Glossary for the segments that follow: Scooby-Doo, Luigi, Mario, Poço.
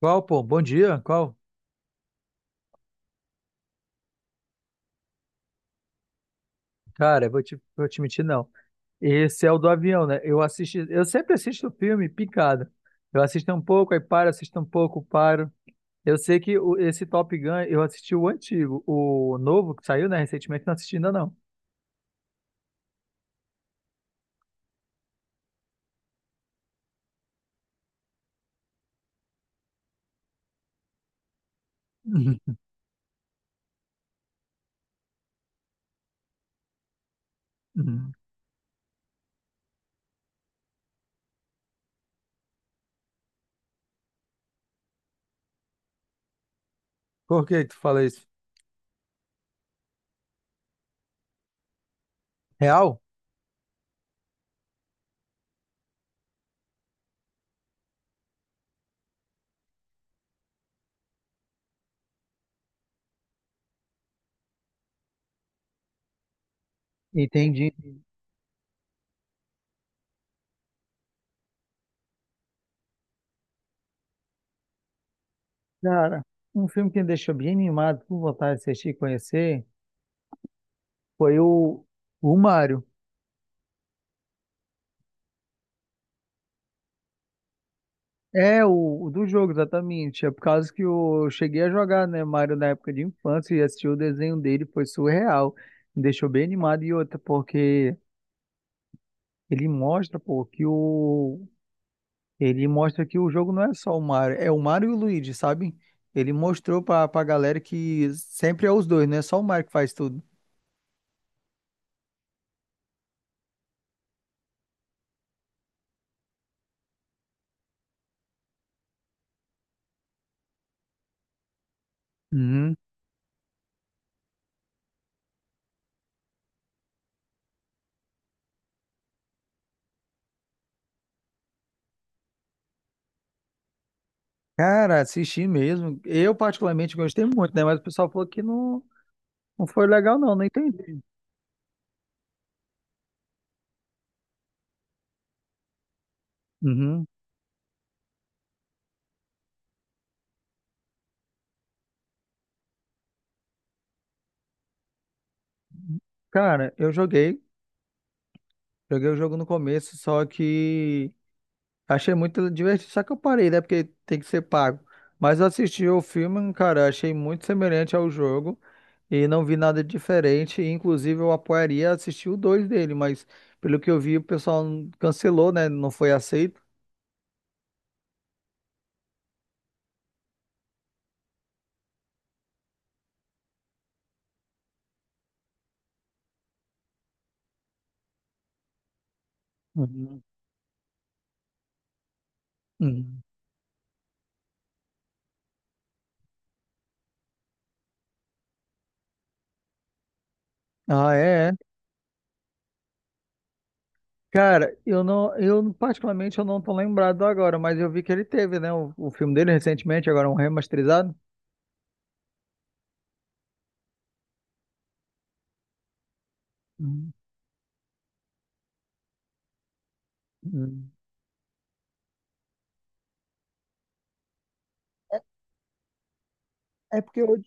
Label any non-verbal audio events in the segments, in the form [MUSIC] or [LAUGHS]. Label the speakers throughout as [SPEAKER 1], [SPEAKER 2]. [SPEAKER 1] Qual, pô? Bom dia? Qual? Cara, vou te mentir, não. Esse é o do avião, né? Eu assisti, eu sempre assisto o filme picado. Eu assisto um pouco, aí paro, assisto um pouco, paro. Eu sei que esse Top Gun, eu assisti o antigo, o novo que saiu, né, recentemente, não assisti ainda não. [LAUGHS] Uhum, uhum. Por que que tu fala isso? Real? Entendi. Cara, um filme que me deixou bem animado, com vontade de assistir e conhecer, foi o, o Mário. É, o do jogo, exatamente. É por causa que eu cheguei a jogar, né, Mario na época de infância e assisti o desenho dele, foi surreal. Me deixou bem animado. E outra, porque ele mostra, pô, que o. Ele mostra que o jogo não é só o Mario, é o Mario e o Luigi, sabe? Ele mostrou pra galera que sempre é os dois, não é só o Mario que faz tudo. Uhum. Cara, assisti mesmo. Eu, particularmente, gostei muito, né? Mas o pessoal falou que não, não foi legal, não, não entendi. Uhum. Cara, eu joguei. Joguei o jogo no começo, só que achei muito divertido, só que eu parei, né? Porque tem que ser pago. Mas eu assisti o filme, cara, achei muito semelhante ao jogo e não vi nada de diferente. E, inclusive, eu apoiaria assistir o 2 dele, mas pelo que eu vi, o pessoal cancelou, né? Não foi aceito. Uhum. Uhum. Ah, é? É. Cara, eu não, eu particularmente eu não tô lembrado agora, mas eu vi que ele teve, né? O filme dele recentemente, agora um remasterizado. Uhum. Uhum. É porque eu,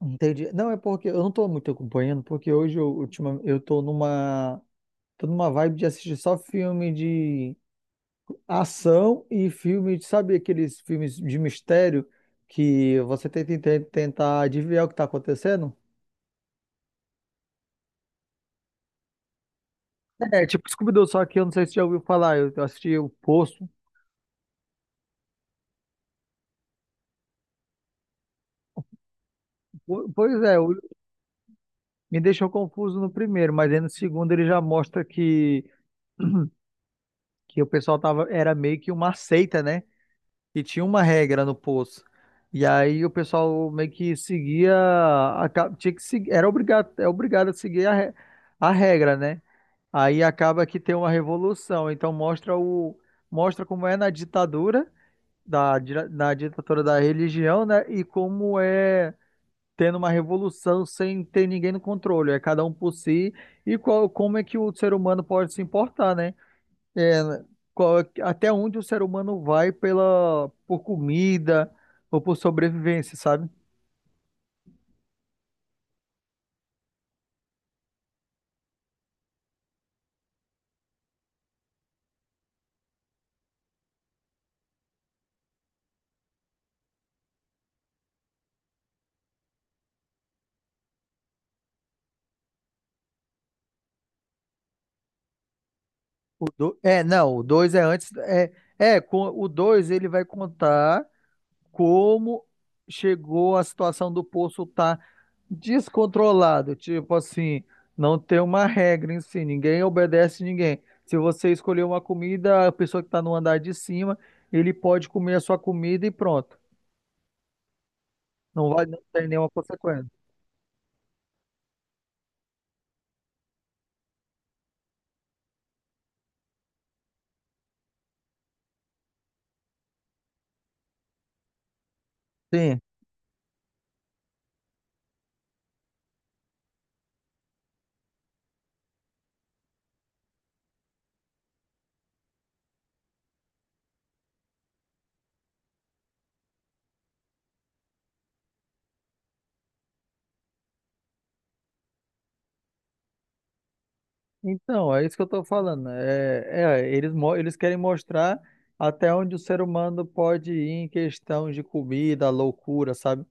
[SPEAKER 1] Entendi. Não, é porque eu não tô muito acompanhando, porque hoje eu, eu tô numa vibe de assistir só filme de ação e filme, sabe aqueles filmes de mistério que você tenta tentar adivinhar o que tá acontecendo? É, tipo Scooby-Doo, só que eu não sei se já ouviu falar, eu assisti o Poço. Pois é, me deixou confuso no primeiro, mas aí no segundo ele já mostra que o pessoal tava, era meio que uma seita, né? E tinha uma regra no poço. E aí o pessoal meio que seguia, tinha que seguir, era obrigado, é obrigado a seguir a regra, né? Aí acaba que tem uma revolução. Então mostra o, mostra como é na ditadura na ditadura da religião, né? E como é tendo uma revolução sem ter ninguém no controle. É cada um por si e qual, como é que o ser humano pode se importar, né? É, né? Até onde o ser humano vai pela por comida ou por sobrevivência, sabe? É, não, o 2 é antes, o 2 ele vai contar como chegou a situação do poço estar descontrolado, tipo assim, não tem uma regra em si, ninguém obedece ninguém. Se você escolher uma comida, a pessoa que está no andar de cima, ele pode comer a sua comida e pronto. Não vai, não tem nenhuma consequência. Sim. Então, é isso que eu estou falando, né? Eles, eles querem mostrar até onde o ser humano pode ir em questão de comida, loucura, sabe?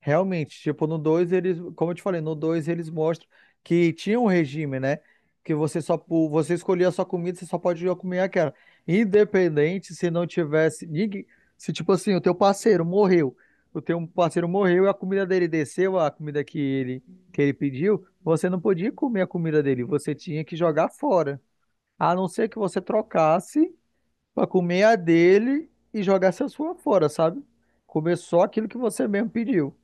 [SPEAKER 1] Realmente, tipo, no 2 eles, como eu te falei, no 2 eles mostram que tinha um regime, né? Que você você escolhia a sua comida, você só pode comer aquela. Independente se não tivesse ninguém, se tipo assim, o teu parceiro morreu, o teu parceiro morreu e a comida dele desceu, a comida que ele pediu, você não podia comer a comida dele, você tinha que jogar fora. A não ser que você trocasse para comer a dele e jogasse a sua fora, sabe? Comer só aquilo que você mesmo pediu.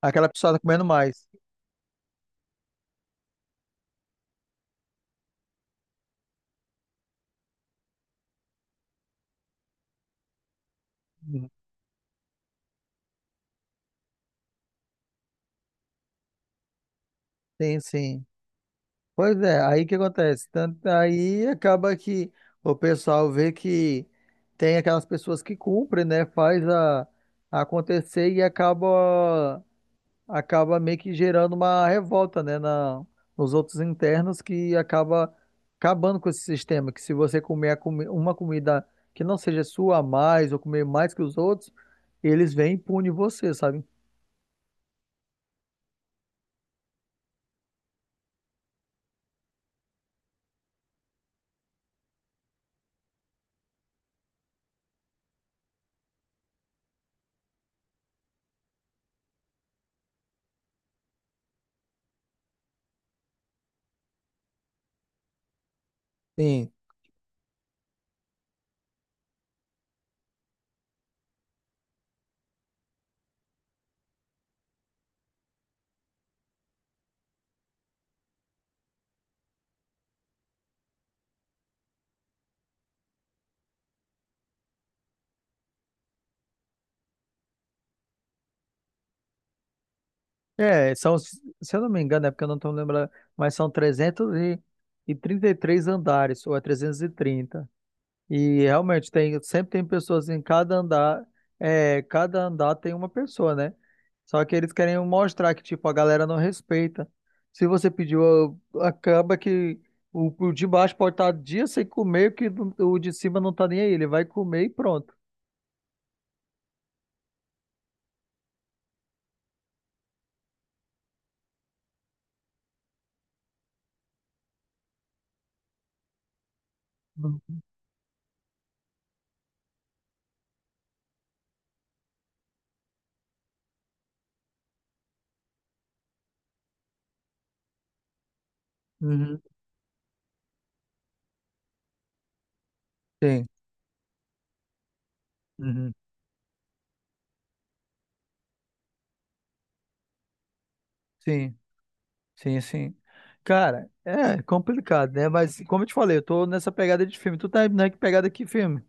[SPEAKER 1] Aquela pessoa tá comendo mais. Uhum. Sim, sim. Pois é, aí que acontece? Tanto aí acaba que o pessoal vê que tem aquelas pessoas que cumprem, né? Acontecer e acaba meio que gerando uma revolta, né? Na, nos outros internos que acabando com esse sistema. Que se você comer uma comida que não seja sua a mais ou comer mais que os outros, eles vêm e punem você, sabe? Sim. É, são, se eu não me engano, é porque eu não estou lembrando, mas são trezentos e trinta e três andares, ou é 330. E trinta. E realmente tem, sempre tem pessoas em cada andar, é, cada andar tem uma pessoa, né? Só que eles querem mostrar que, tipo, a galera não respeita. Se você pediu, acaba que o de baixo pode estar dias sem comer, que o de cima não tá nem aí, ele vai comer e pronto. Uhum. Uhum. Sim. Uhum. Sim. Sim, sim. Cara, é complicado, né? Mas como eu te falei, eu tô nessa pegada de filme. Tu tá na que pegada que filme?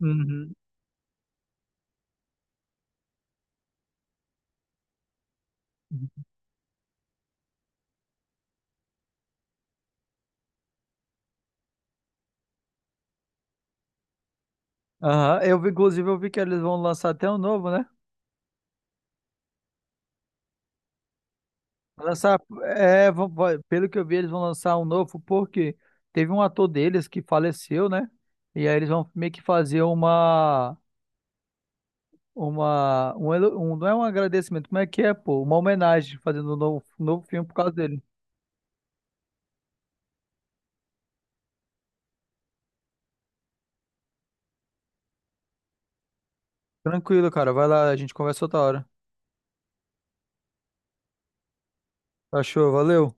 [SPEAKER 1] Uhum. Aham, eu vi, inclusive, eu vi que eles vão lançar até um novo, né? Vai lançar, é, pelo que eu vi, eles vão lançar um novo, porque teve um ator deles que faleceu, né? E aí eles vão meio que fazer uma, um, elo- um- não é um agradecimento, como é que é, pô? Uma homenagem, fazendo um novo filme por causa dele. Tranquilo, cara, vai lá, a gente conversa outra hora. Achou, valeu.